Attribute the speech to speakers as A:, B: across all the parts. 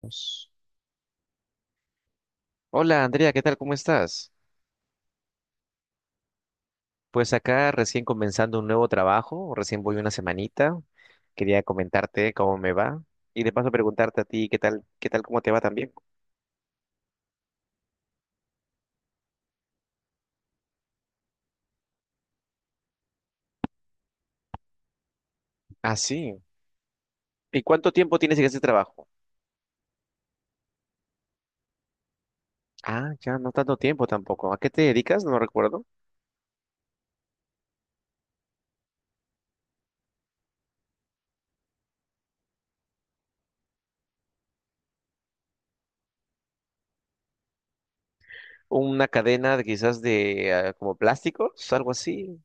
A: Pues, Hola Andrea, ¿qué tal? ¿Cómo estás? Pues acá recién comenzando un nuevo trabajo, recién voy una semanita. Quería comentarte cómo me va y de paso preguntarte a ti qué tal, cómo te va también. Ah, sí. ¿Y cuánto tiempo tienes en ese trabajo? Ah, ya no tanto tiempo tampoco. ¿A qué te dedicas? No recuerdo. Una quizás de como plásticos, algo así.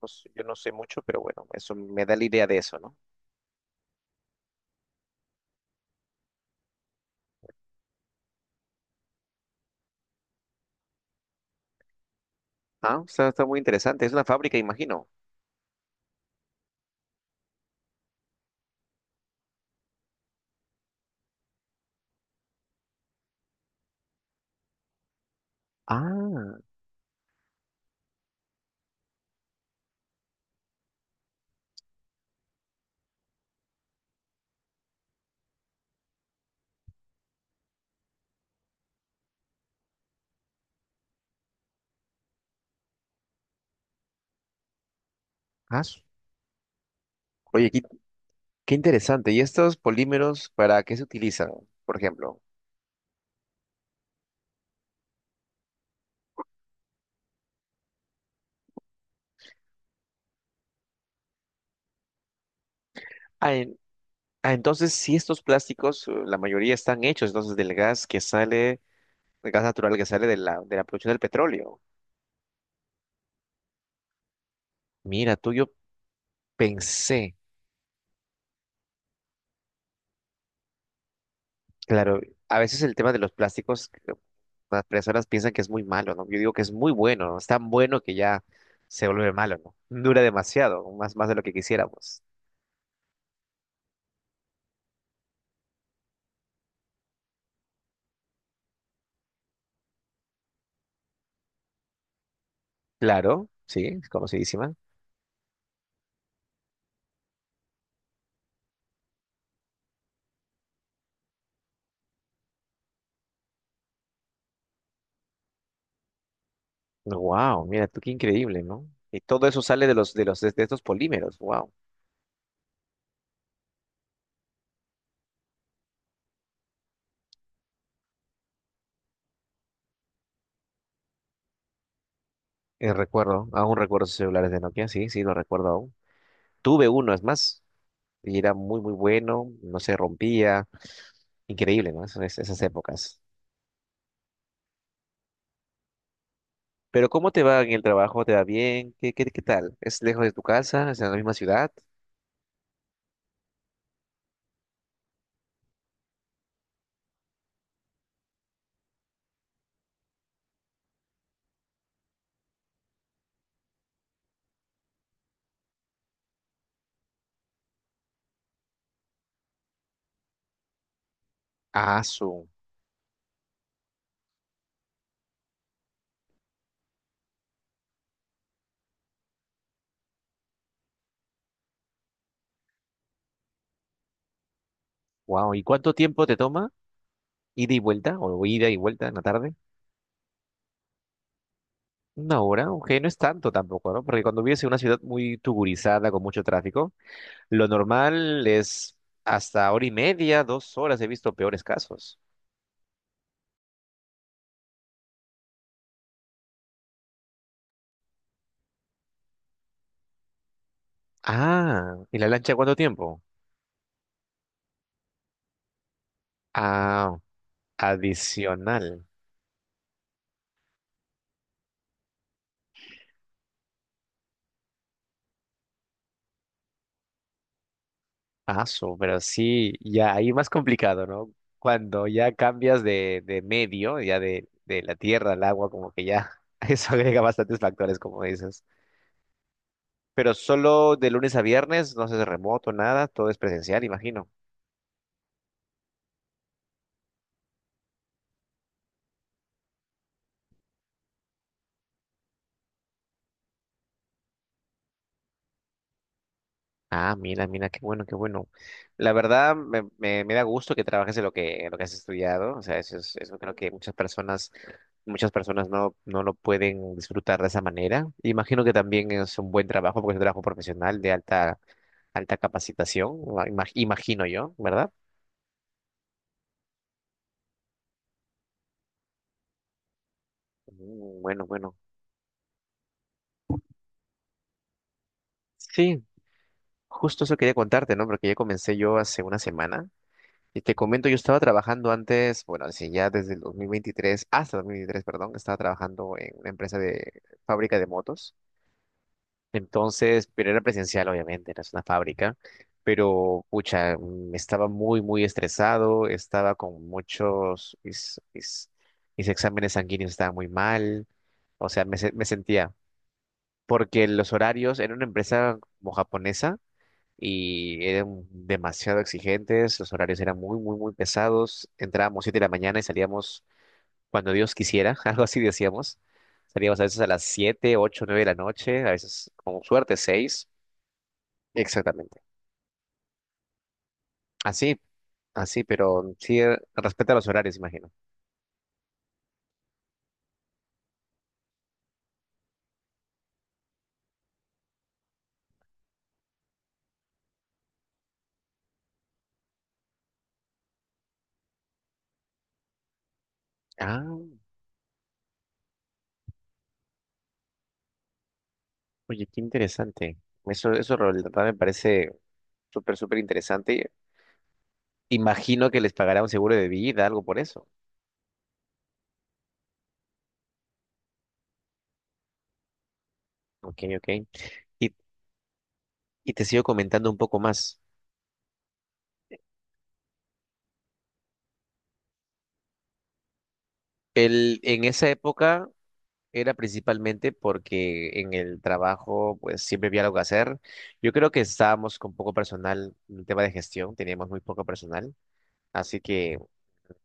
A: No sé, yo no sé mucho, pero bueno, eso me da la idea de eso, ¿no? Ah, está muy interesante. Es una fábrica, imagino. Ah, ah, su- Oye, qué interesante. ¿Y estos polímeros para qué se utilizan, por ejemplo? Ah, en- entonces, si estos plásticos, la mayoría están hechos entonces del gas que sale, el gas natural que sale de de la producción del petróleo. Mira, tú yo pensé, claro, a veces el tema de los plásticos, las personas piensan que es muy malo, ¿no? Yo digo que es muy bueno, ¿no? Es tan bueno que ya se vuelve malo, ¿no? Dura demasiado, más de lo que quisiéramos. Claro, sí, es conocidísima. Wow, mira tú qué increíble, ¿no? Y todo eso sale de los de los de estos polímeros. Wow. Recuerdo, aún recuerdo esos celulares de Nokia, sí, sí, lo recuerdo aún. Tuve uno, es más, y era muy muy bueno, no se rompía. Increíble, ¿no? Esas épocas. Pero ¿cómo te va en el trabajo? ¿Te va bien? Qué tal? ¿Es lejos de tu casa? ¿Es en la misma ciudad? Ah, su. Wow. ¿Y cuánto tiempo te toma? ¿Ida y vuelta? ¿O ida y vuelta en la tarde? Una hora, ok, no es tanto tampoco, ¿no? Porque cuando vives en una ciudad muy tugurizada, con mucho tráfico, lo normal es hasta hora y media, dos horas. He visto peores casos. Ah, ¿y la lancha cuánto tiempo? Ah, adicional. Ah, su, pero sí, ya ahí más complicado, ¿no? Cuando ya cambias de medio, ya de la tierra al agua, como que ya eso agrega bastantes factores, como dices. Pero solo de lunes a viernes, no se hace remoto, nada, todo es presencial, imagino. Ah, mira, mira, qué bueno, qué bueno. La verdad, me da gusto que trabajes en lo que has estudiado. O sea, eso es, eso creo que muchas personas no, no lo pueden disfrutar de esa manera. Imagino que también es un buen trabajo, porque es un trabajo profesional de alta, alta capacitación, imagino yo, ¿verdad? Mm, bueno, bueno. Sí, justo eso quería contarte, ¿no? Porque ya comencé yo hace una semana. Y te comento, yo estaba trabajando antes, bueno, así ya desde el 2023, hasta 2023, perdón, estaba trabajando en una empresa de fábrica de motos. Entonces, pero era presencial, obviamente, era una fábrica. Pero, pucha, estaba muy, muy estresado, estaba con muchos, mis exámenes sanguíneos estaban muy mal. O sea, me sentía, porque los horarios, era una empresa como japonesa, y eran demasiado exigentes, los horarios eran muy, muy pesados, entrábamos 7 de la mañana y salíamos cuando Dios quisiera, algo así decíamos, salíamos a veces a las 7 8 9 de la noche, a veces con suerte 6 exactamente, así, así, pero sí respeta los horarios, imagino. Ah, oye, qué interesante, eso la verdad me parece súper, súper interesante. Imagino que les pagará un seguro de vida, algo por eso. Ok, ok. Y, y te sigo comentando un poco más. En esa época era principalmente porque en el trabajo pues siempre había algo que hacer. Yo creo que estábamos con poco personal en el tema de gestión, teníamos muy poco personal, así que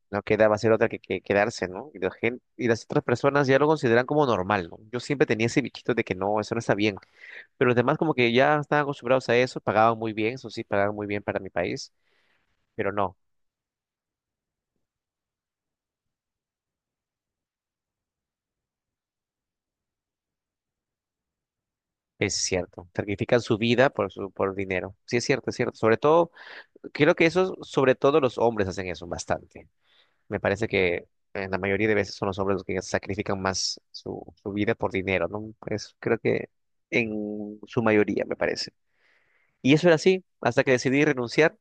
A: no quedaba hacer otra que quedarse, ¿no? Y las otras personas ya lo consideran como normal, ¿no? Yo siempre tenía ese bichito de que no, eso no está bien, pero los demás como que ya estaban acostumbrados a eso, pagaban muy bien, eso sí, pagaban muy bien para mi país, pero no. Es cierto, sacrifican su vida por por dinero. Sí, es cierto, es cierto. Sobre todo creo que eso, sobre todo los hombres hacen eso bastante. Me parece que en la mayoría de veces son los hombres los que sacrifican más su, su vida por dinero, ¿no? Pues creo que en su mayoría, me parece. Y eso era así, hasta que decidí renunciar.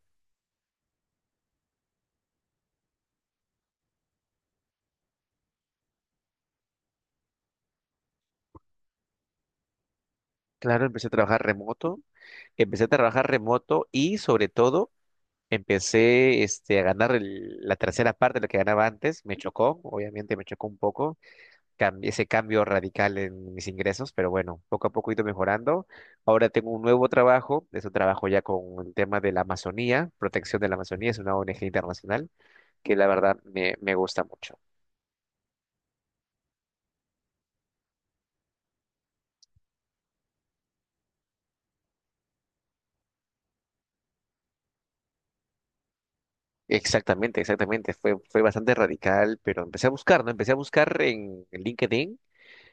A: Claro, empecé a trabajar remoto, y sobre todo empecé a ganar la tercera parte de lo que ganaba antes. Me chocó, obviamente me chocó un poco ese cambio radical en mis ingresos, pero bueno, poco a poco he ido mejorando. Ahora tengo un nuevo trabajo, es un trabajo ya con el tema de la Amazonía, protección de la Amazonía, es una ONG internacional que la verdad me, me gusta mucho. Exactamente, exactamente, fue bastante radical, pero empecé a buscar, ¿no? Empecé a buscar en LinkedIn,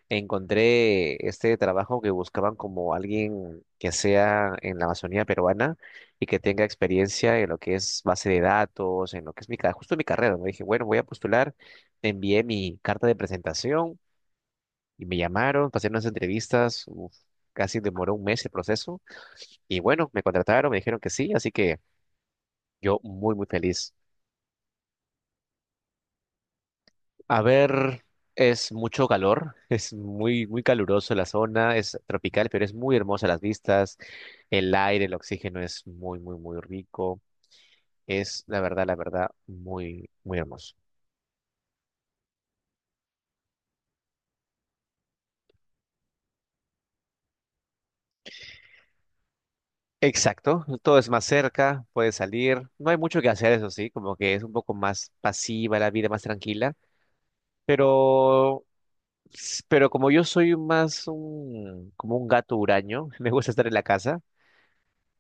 A: encontré este trabajo que buscaban como alguien que sea en la Amazonía peruana y que tenga experiencia en lo que es base de datos, en lo que es justo mi carrera, ¿no? Dije, bueno, voy a postular, envié mi carta de presentación y me llamaron, pasé unas entrevistas, uf, casi demoró un mes el proceso y bueno, me contrataron, me dijeron que sí, así que yo muy, muy feliz. A ver, es mucho calor, es muy, muy caluroso la zona, es tropical, pero es muy hermosa las vistas, el aire, el oxígeno es muy, muy, muy rico, es la verdad, muy, muy hermoso. Exacto, todo es más cerca, puedes salir, no hay mucho que hacer, eso sí, como que es un poco más pasiva la vida, más tranquila, pero, pero como yo soy más como un gato huraño, me gusta estar en la casa.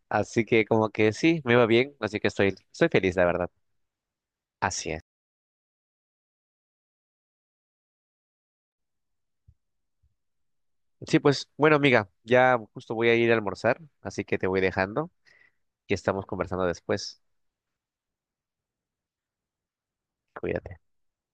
A: Así que como que sí, me va bien, así que estoy, estoy feliz, la verdad. Así es. Sí, pues bueno, amiga, ya justo voy a ir a almorzar, así que te voy dejando y estamos conversando después. Cuídate.